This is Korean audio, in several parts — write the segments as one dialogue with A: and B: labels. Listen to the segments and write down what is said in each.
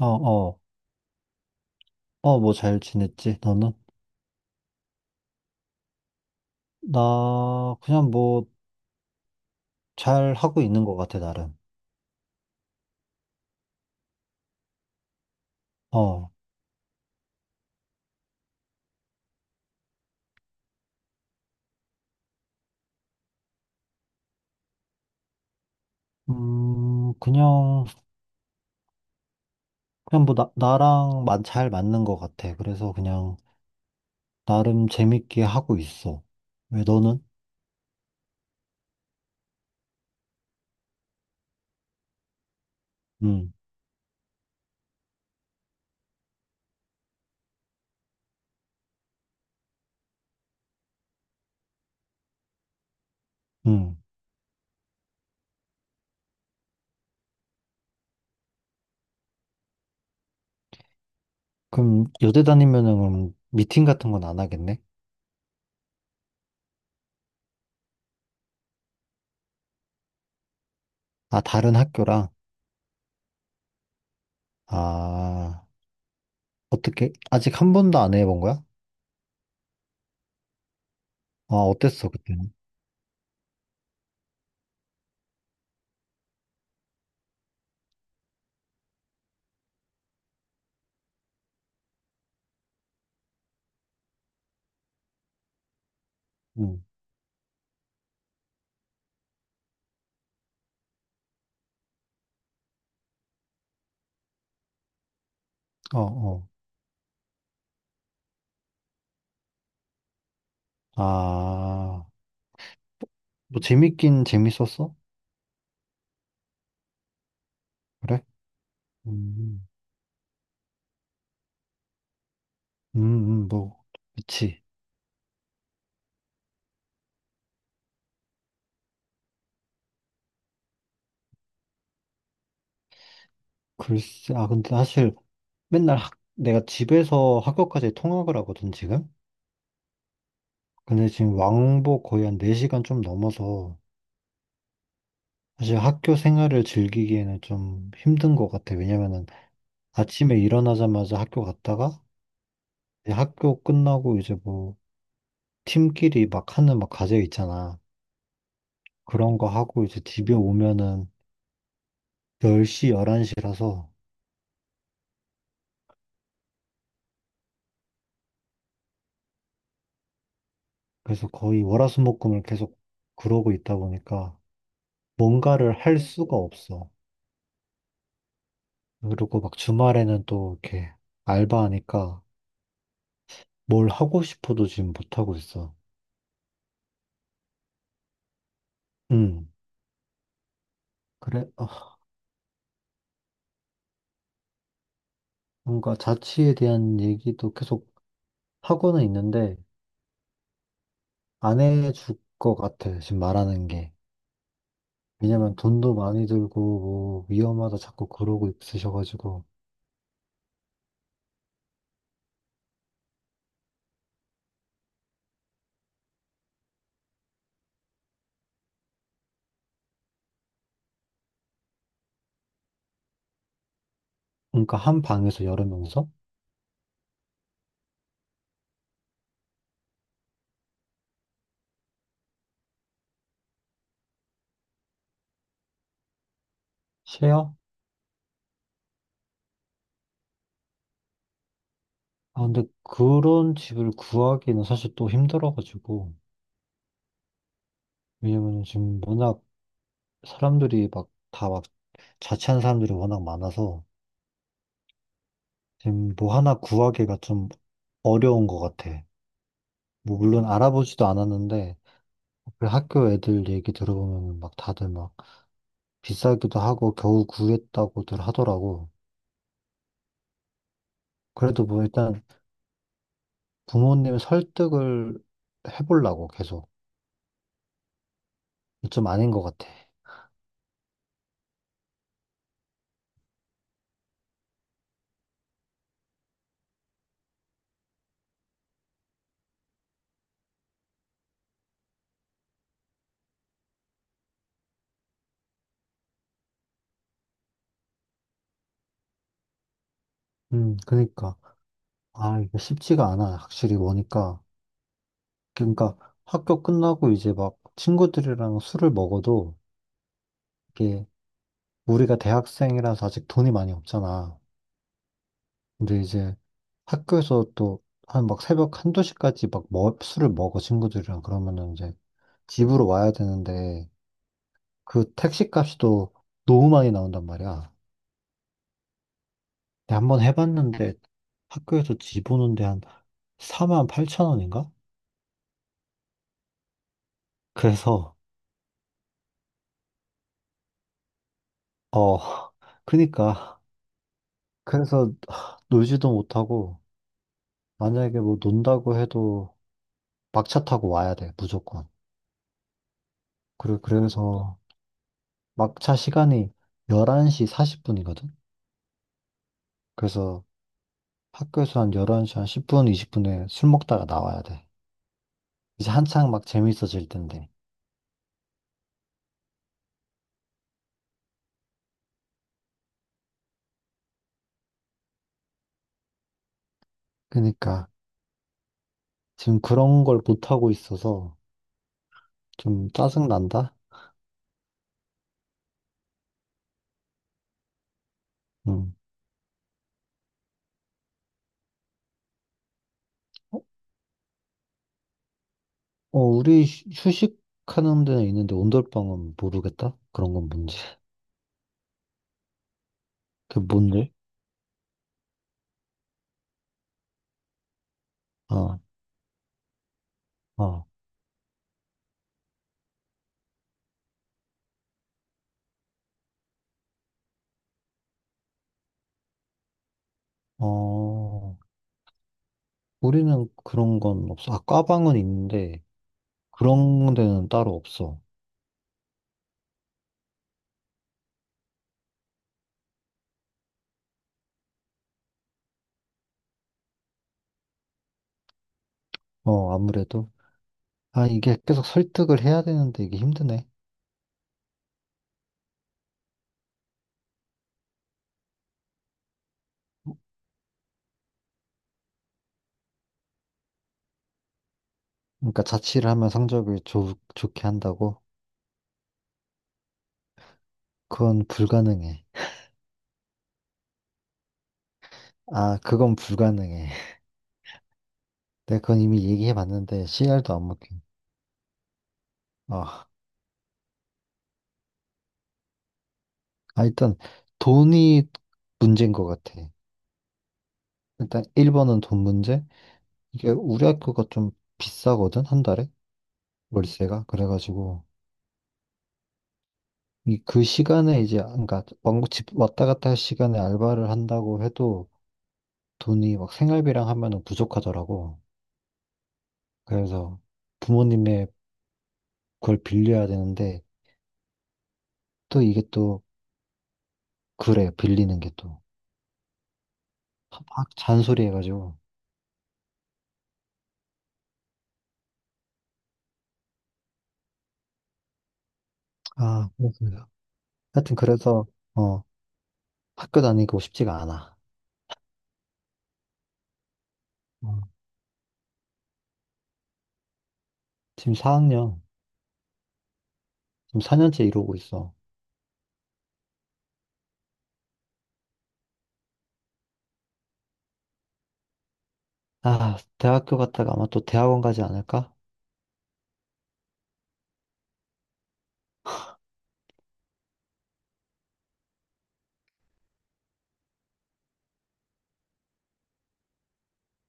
A: 어, 어, 어, 뭐 잘 지냈지, 너는? 나, 그냥 뭐, 잘 하고 있는 것 같아, 나름. 어, 음, 그냥, 그냥 뭐, 나랑 잘 맞는 것 같아. 그래서 그냥, 나름 재밌게 하고 있어. 왜 너는? 응, 응. 그럼, 여대 다니면은, 그럼 미팅 같은 건 안 하겠네? 아, 다른 학교랑? 아, 어떻게, 아직 한 번도 안 해본 거야? 아, 어땠어, 그때는? 응, 어, 어. 아, 뭐 재밌긴 재밌었어? 그래? 음, 음, 뭐, 그치. 글쎄, 아, 근데 사실 맨날 내가 집에서 학교까지 통학을 하거든, 지금? 근데 지금 왕복 거의 한 4시간 좀 넘어서 사실 학교 생활을 즐기기에는 좀 힘든 것 같아. 왜냐면은 아침에 일어나자마자 학교 갔다가 이제 학교 끝나고 이제 뭐 팀끼리 막 하는 막 과제 있잖아. 그런 거 하고 이제 집에 오면은 10시, 11시라서 그래서 거의 월화수목금을 계속 그러고 있다 보니까 뭔가를 할 수가 없어. 그리고 막 주말에는 또 이렇게 알바하니까 뭘 하고 싶어도 지금 못하고 있어. 음, 그래. 아, 뭔가 자취에 대한 얘기도 계속 하고는 있는데 안 해줄 것 같아. 지금 말하는 게. 왜냐면 돈도 많이 들고 뭐 위험하다 자꾸 그러고 있으셔가지고. 그러니까 한 방에서 여러 명이서 쉐어? 아, 근데 그런 집을 구하기는 사실 또 힘들어가지고. 왜냐면 지금 워낙 사람들이 막 다 막 자취한 사람들이 워낙 많아서 지금 뭐 하나 구하기가 좀 어려운 것 같아. 뭐 물론 알아보지도 않았는데 그 학교 애들 얘기 들어보면 막 다들 막 비싸기도 하고 겨우 구했다고들 하더라고. 그래도 뭐 일단 부모님 설득을 해보려고 계속 좀 아닌 것 같아. 그러니까. 아, 이게 쉽지가 않아 확실히 보니까. 그러니까 학교 끝나고 이제 막 친구들이랑 술을 먹어도 이게 우리가 대학생이라서 아직 돈이 많이 없잖아. 근데 이제 학교에서 또 한 막 새벽 한두 시까지 막 뭐, 술을 먹어 친구들이랑 그러면은 이제 집으로 와야 되는데 그 택시 값이도 너무 많이 나온단 말이야. 근데 한번 해봤는데 학교에서 집 오는데 한 4만 8천 원인가? 그래서 어 그니까. 그래서 하, 놀지도 못하고 만약에 뭐 논다고 해도 막차 타고 와야 돼 무조건. 그래, 그래서 막차 시간이 11시 40분이거든? 그래서 학교에서 한 11시 한 10분, 20분에 술 먹다가 나와야 돼. 이제 한창 막 재밌어질 텐데. 그러니까 지금 그런 걸 못하고 있어서 좀 짜증난다? 응. 어, 어, 우리 휴식하는 데는 있는데 온돌방은 모르겠다? 그런 건 뭔지. 그 뭔데? 어, 어, 어. 우리는 그런 건 없어. 아, 과방은 있는데 그런 데는 따로 없어. 어, 아무래도. 아, 이게 계속 설득을 해야 되는데 이게 힘드네. 그러니까 자취를 하면 성적을 좋게 한다고? 그건 불가능해. 아, 그건 불가능해. 내가 그건 이미 얘기해 봤는데 CR도 안 먹혀. 아, 아, 일단 돈이 문제인 것 같아. 일단 1번은 돈 문제. 이게 우리 학교가 좀 비싸거든, 한 달에? 월세가. 그래가지고. 이 그 시간에 이제 그러니까 왕복 집 왔다 갔다 할 시간에 알바를 한다고 해도 돈이 막 생활비랑 하면은 부족하더라고. 그래서 부모님의 그걸 빌려야 되는데 또 이게 또 그래 빌리는 게 또 막 잔소리 해가지고. 아, 그렇습니다. 하여튼 그래서 어 학교 다니고 싶지가 않아. 어, 지금 4학년. 지금 4년째 이러고 있어. 아, 대학교 갔다가 아마 또 대학원 가지 않을까?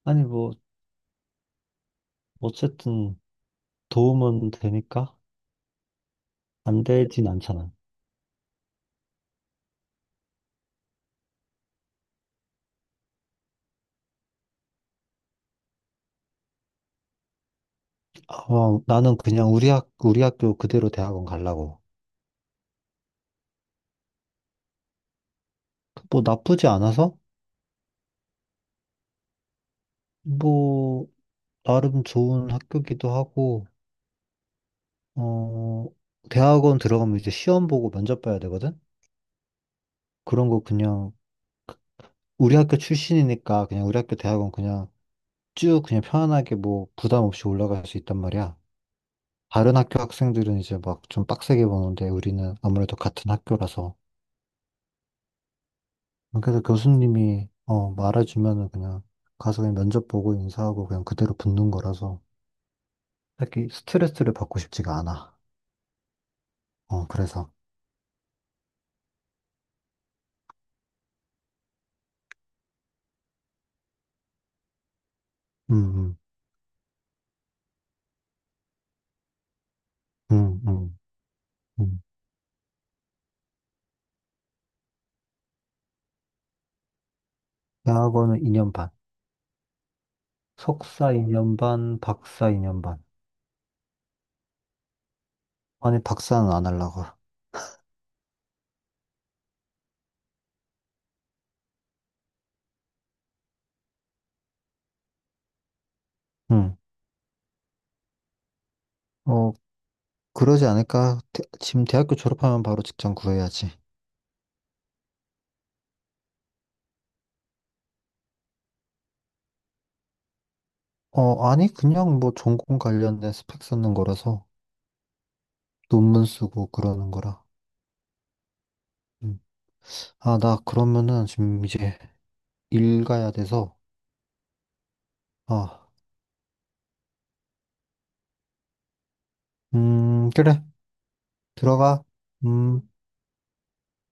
A: 아니, 뭐 어쨌든 도움은 되니까 안 되진 않잖아. 어, 나는 그냥 우리 학교 그대로 대학원 가려고. 뭐 나쁘지 않아서 뭐 나름 좋은 학교기도 하고, 어, 대학원 들어가면 이제 시험 보고 면접 봐야 되거든? 그런 거 그냥, 우리 학교 출신이니까 그냥 우리 학교 대학원 그냥 쭉 그냥 편안하게 뭐 부담 없이 올라갈 수 있단 말이야. 다른 학교 학생들은 이제 막 좀 빡세게 보는데 우리는 아무래도 같은 학교라서. 그래서 교수님이, 말해주면은 그냥 가서 그냥 면접 보고 인사하고 그냥 그대로 붙는 거라서 딱히 스트레스를 받고 싶지가 않아. 어, 그래서. 음, 음, 음, 음. 음. 대학원은 2년 반. 석사 2년 반, 박사 2년 반. 아니, 박사는 안 하려고. 응. 어, 그러지 않을까? 지금 대학교 졸업하면 바로 직장 구해야지. 어, 아니, 그냥 뭐 전공 관련된 스펙 쓰는 거라서 논문 쓰고 그러는 거라. 음. 아, 나 그러면은 지금 이제 일 가야 돼서. 아, 그래. 들어가. 음.